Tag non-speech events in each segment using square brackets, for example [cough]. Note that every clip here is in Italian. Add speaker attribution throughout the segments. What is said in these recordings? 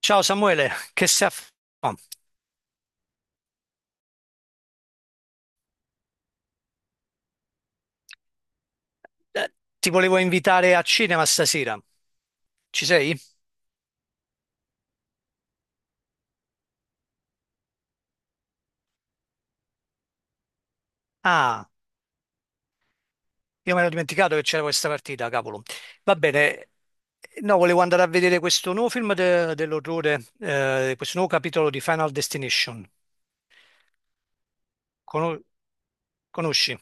Speaker 1: Ciao Samuele, che sei a... f- oh, eh, ti volevo invitare a cinema stasera. Ci sei? Ah, io mi ero dimenticato che c'era questa partita, cavolo. Va bene. No, volevo andare a vedere questo nuovo film dell'orrore, questo nuovo capitolo di Final Destination. Cono- Conosci?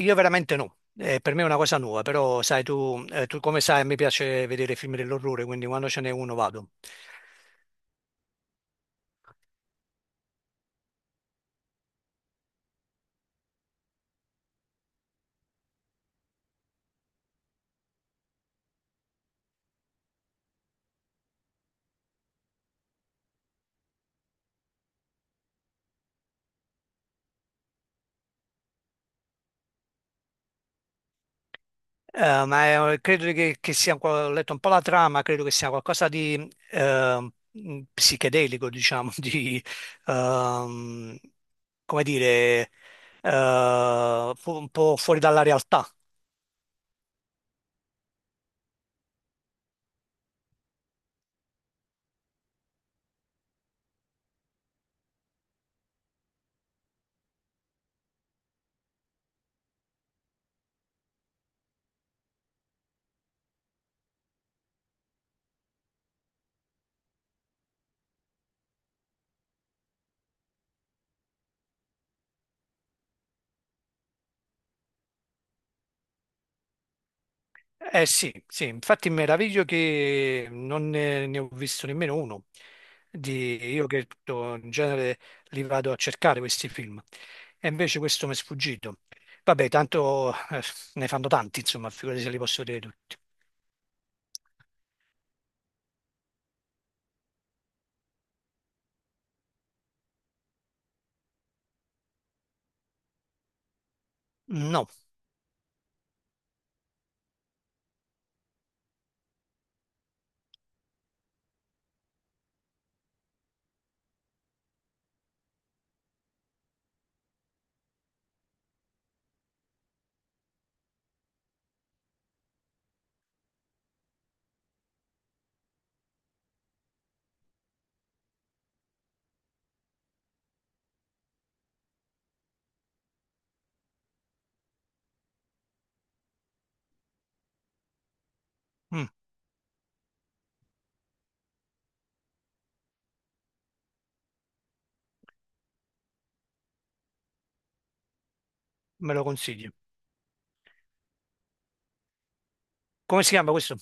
Speaker 1: Io veramente no. Per me è una cosa nuova, però sai tu come sai, mi piace vedere film dell'orrore, quindi quando ce n'è uno vado. Ma credo che sia, ho letto un po' la trama, credo che sia qualcosa di psichedelico, diciamo, [laughs] di, ehm, come dire, un po' fuori dalla realtà. Eh sì, sì, infatti mi meraviglio che non ne ho visto nemmeno uno. Di, io che to- In genere li vado a cercare questi film e invece questo mi è sfuggito. Vabbè, tanto ne fanno tanti, insomma, figurati se li posso vedere tutti. No, mm, me lo consiglio. Come si chiama questo?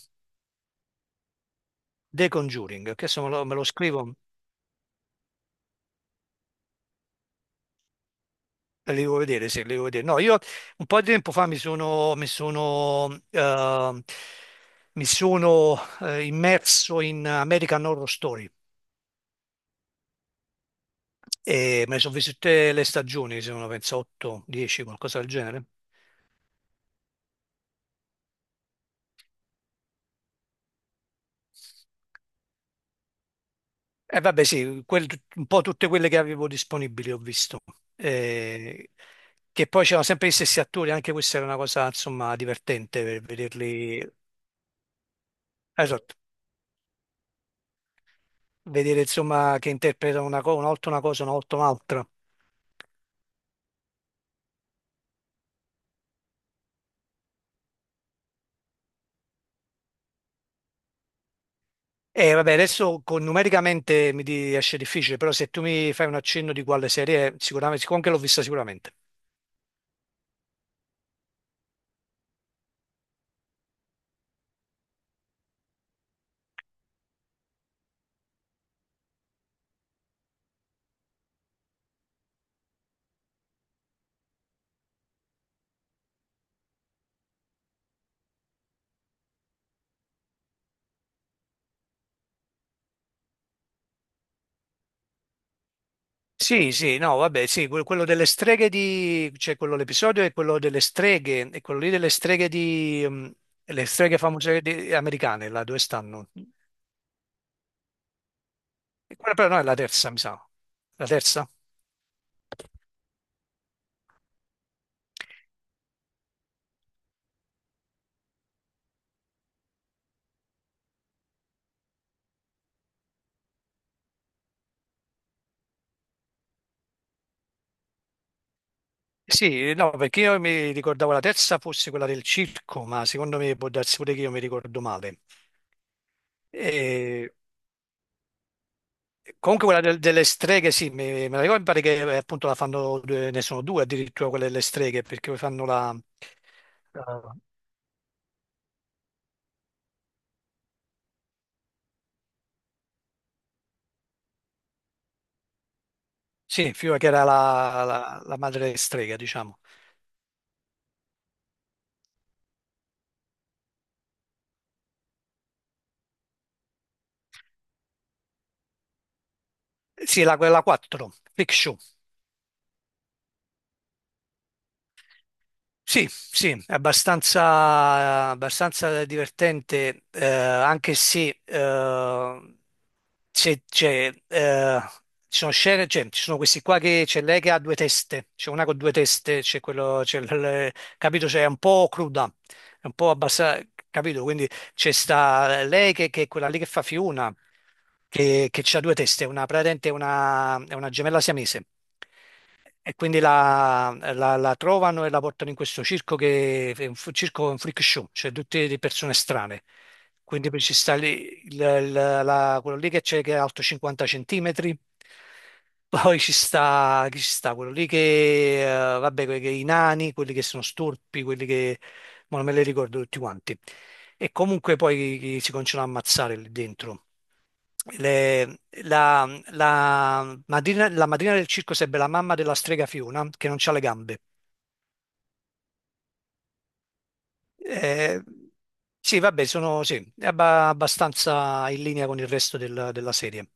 Speaker 1: The Conjuring, che adesso me lo scrivo. Le devo vedere, se le devo vedere. No, io un po' di tempo fa mi sono immerso in American Horror Story e me ne sono viste tutte le stagioni, sono penso 8, 10, qualcosa del genere. E vabbè, sì, un po' tutte quelle che avevo disponibili ho visto. Eh, che poi c'erano sempre gli stessi attori, anche questa era una cosa, insomma, divertente per vederli. Esatto, vedere insomma che interpretano una volta una cosa, una volta un'altra. E vabbè, adesso numericamente mi riesce difficile, però se tu mi fai un accenno di quale serie, è, sicuramente, siccome anche l'ho vista sicuramente. Sì, sì, no, vabbè, sì, quello delle streghe di, cioè quello l'episodio è quello delle streghe, e quello lì delle streghe di, le streghe famose americane, là dove stanno? E quella però no, è la terza, mi sa. La terza? Sì, no, perché io mi ricordavo la terza fosse quella del circo, ma secondo me può darsi pure che io mi ricordo male. E- Comunque quella delle streghe, sì, me la ricordo, mi pare che appunto la fanno, ne sono due addirittura quelle delle streghe, perché poi fanno la- sì, Fiora che era la madre strega, diciamo. Sì, quella 4, Freak Show. Sì, sì, è abbastanza, abbastanza divertente, anche se, c'è- c'è, eh, ci sono scene, cioè, ci sono questi qua che c'è lei che ha due teste, c'è una con due teste, c'è quello, capito, cioè, è un po' cruda, è un po' abbassata, capito? Quindi c'è sta lei che è quella lì che fa Fiona, che ha due teste, praticamente è una gemella siamese. E quindi la trovano e la portano in questo circo che è circo, un freak show, cioè tutte le persone strane. Quindi poi ci sta lì quello lì che c'è che è alto 50 centimetri, poi ci sta, chi ci sta? Quello lì che, vabbè, che i nani, quelli che sono storpi, quelli che, ma non me li ricordo tutti quanti. E comunque poi chi si continuano a ammazzare lì dentro le- la, la madrina del circo sarebbe la mamma della strega Fiona, che non ha le gambe. Eh, sì, vabbè, sono sì, è abbastanza in linea con il resto della serie.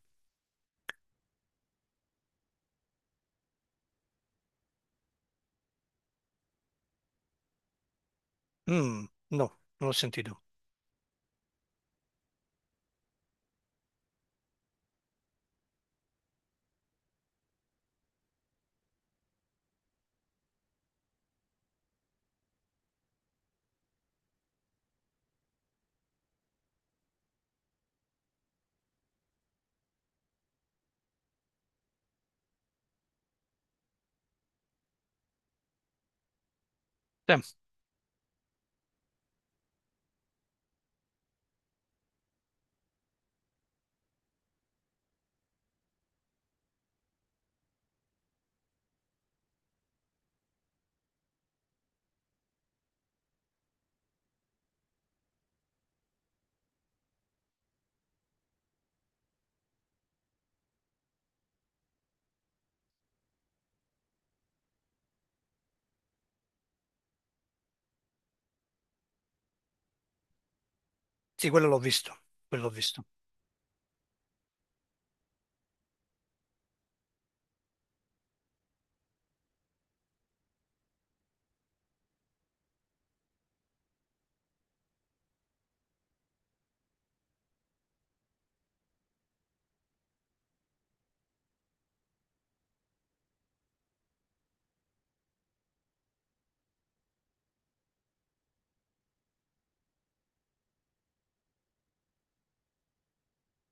Speaker 1: Mm, no, non l'ho sentito. Sì, sì, quello l'ho visto. Quello l'ho visto.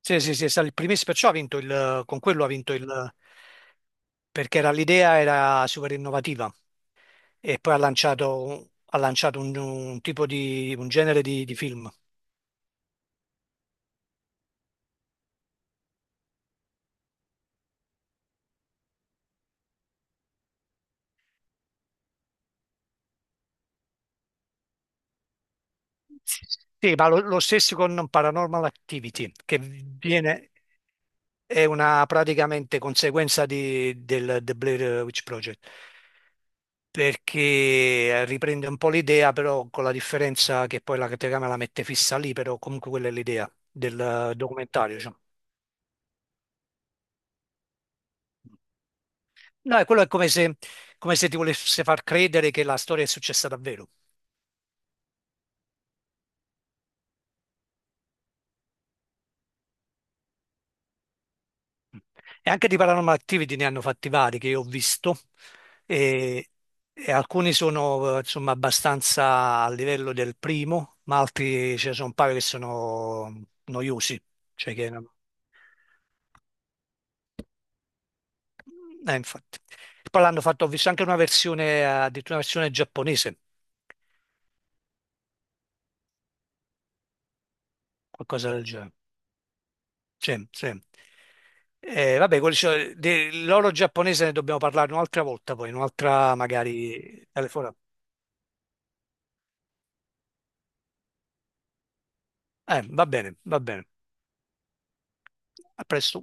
Speaker 1: Sì, sì, sì, è stato il primissimo, perciò ha vinto il, con quello ha vinto il, perché l'idea era super innovativa e poi ha lanciato un tipo di, un genere di film. Sì, ma lo stesso con Paranormal Activity, che viene, è una praticamente conseguenza del The Blair Witch Project, perché riprende un po' l'idea, però con la differenza che poi la telecamera la mette fissa lì, però comunque quella è l'idea del documentario, diciamo. No, è quello è come se ti volesse far credere che la storia è successa davvero. E anche di Paranormal Activity ne hanno fatti vari che io ho visto e, e alcuni sono insomma abbastanza a livello del primo, ma altri ce ne sono un paio che sono noiosi, cioè che infatti. Poi l'hanno fatto, ho visto anche una versione, addirittura una versione giapponese, qualcosa del genere. Sì, sì. Vabbè, quelli, cioè, dell'oro giapponese ne dobbiamo parlare un'altra volta, poi un'altra magari telefonata. Va bene, va bene. A presto.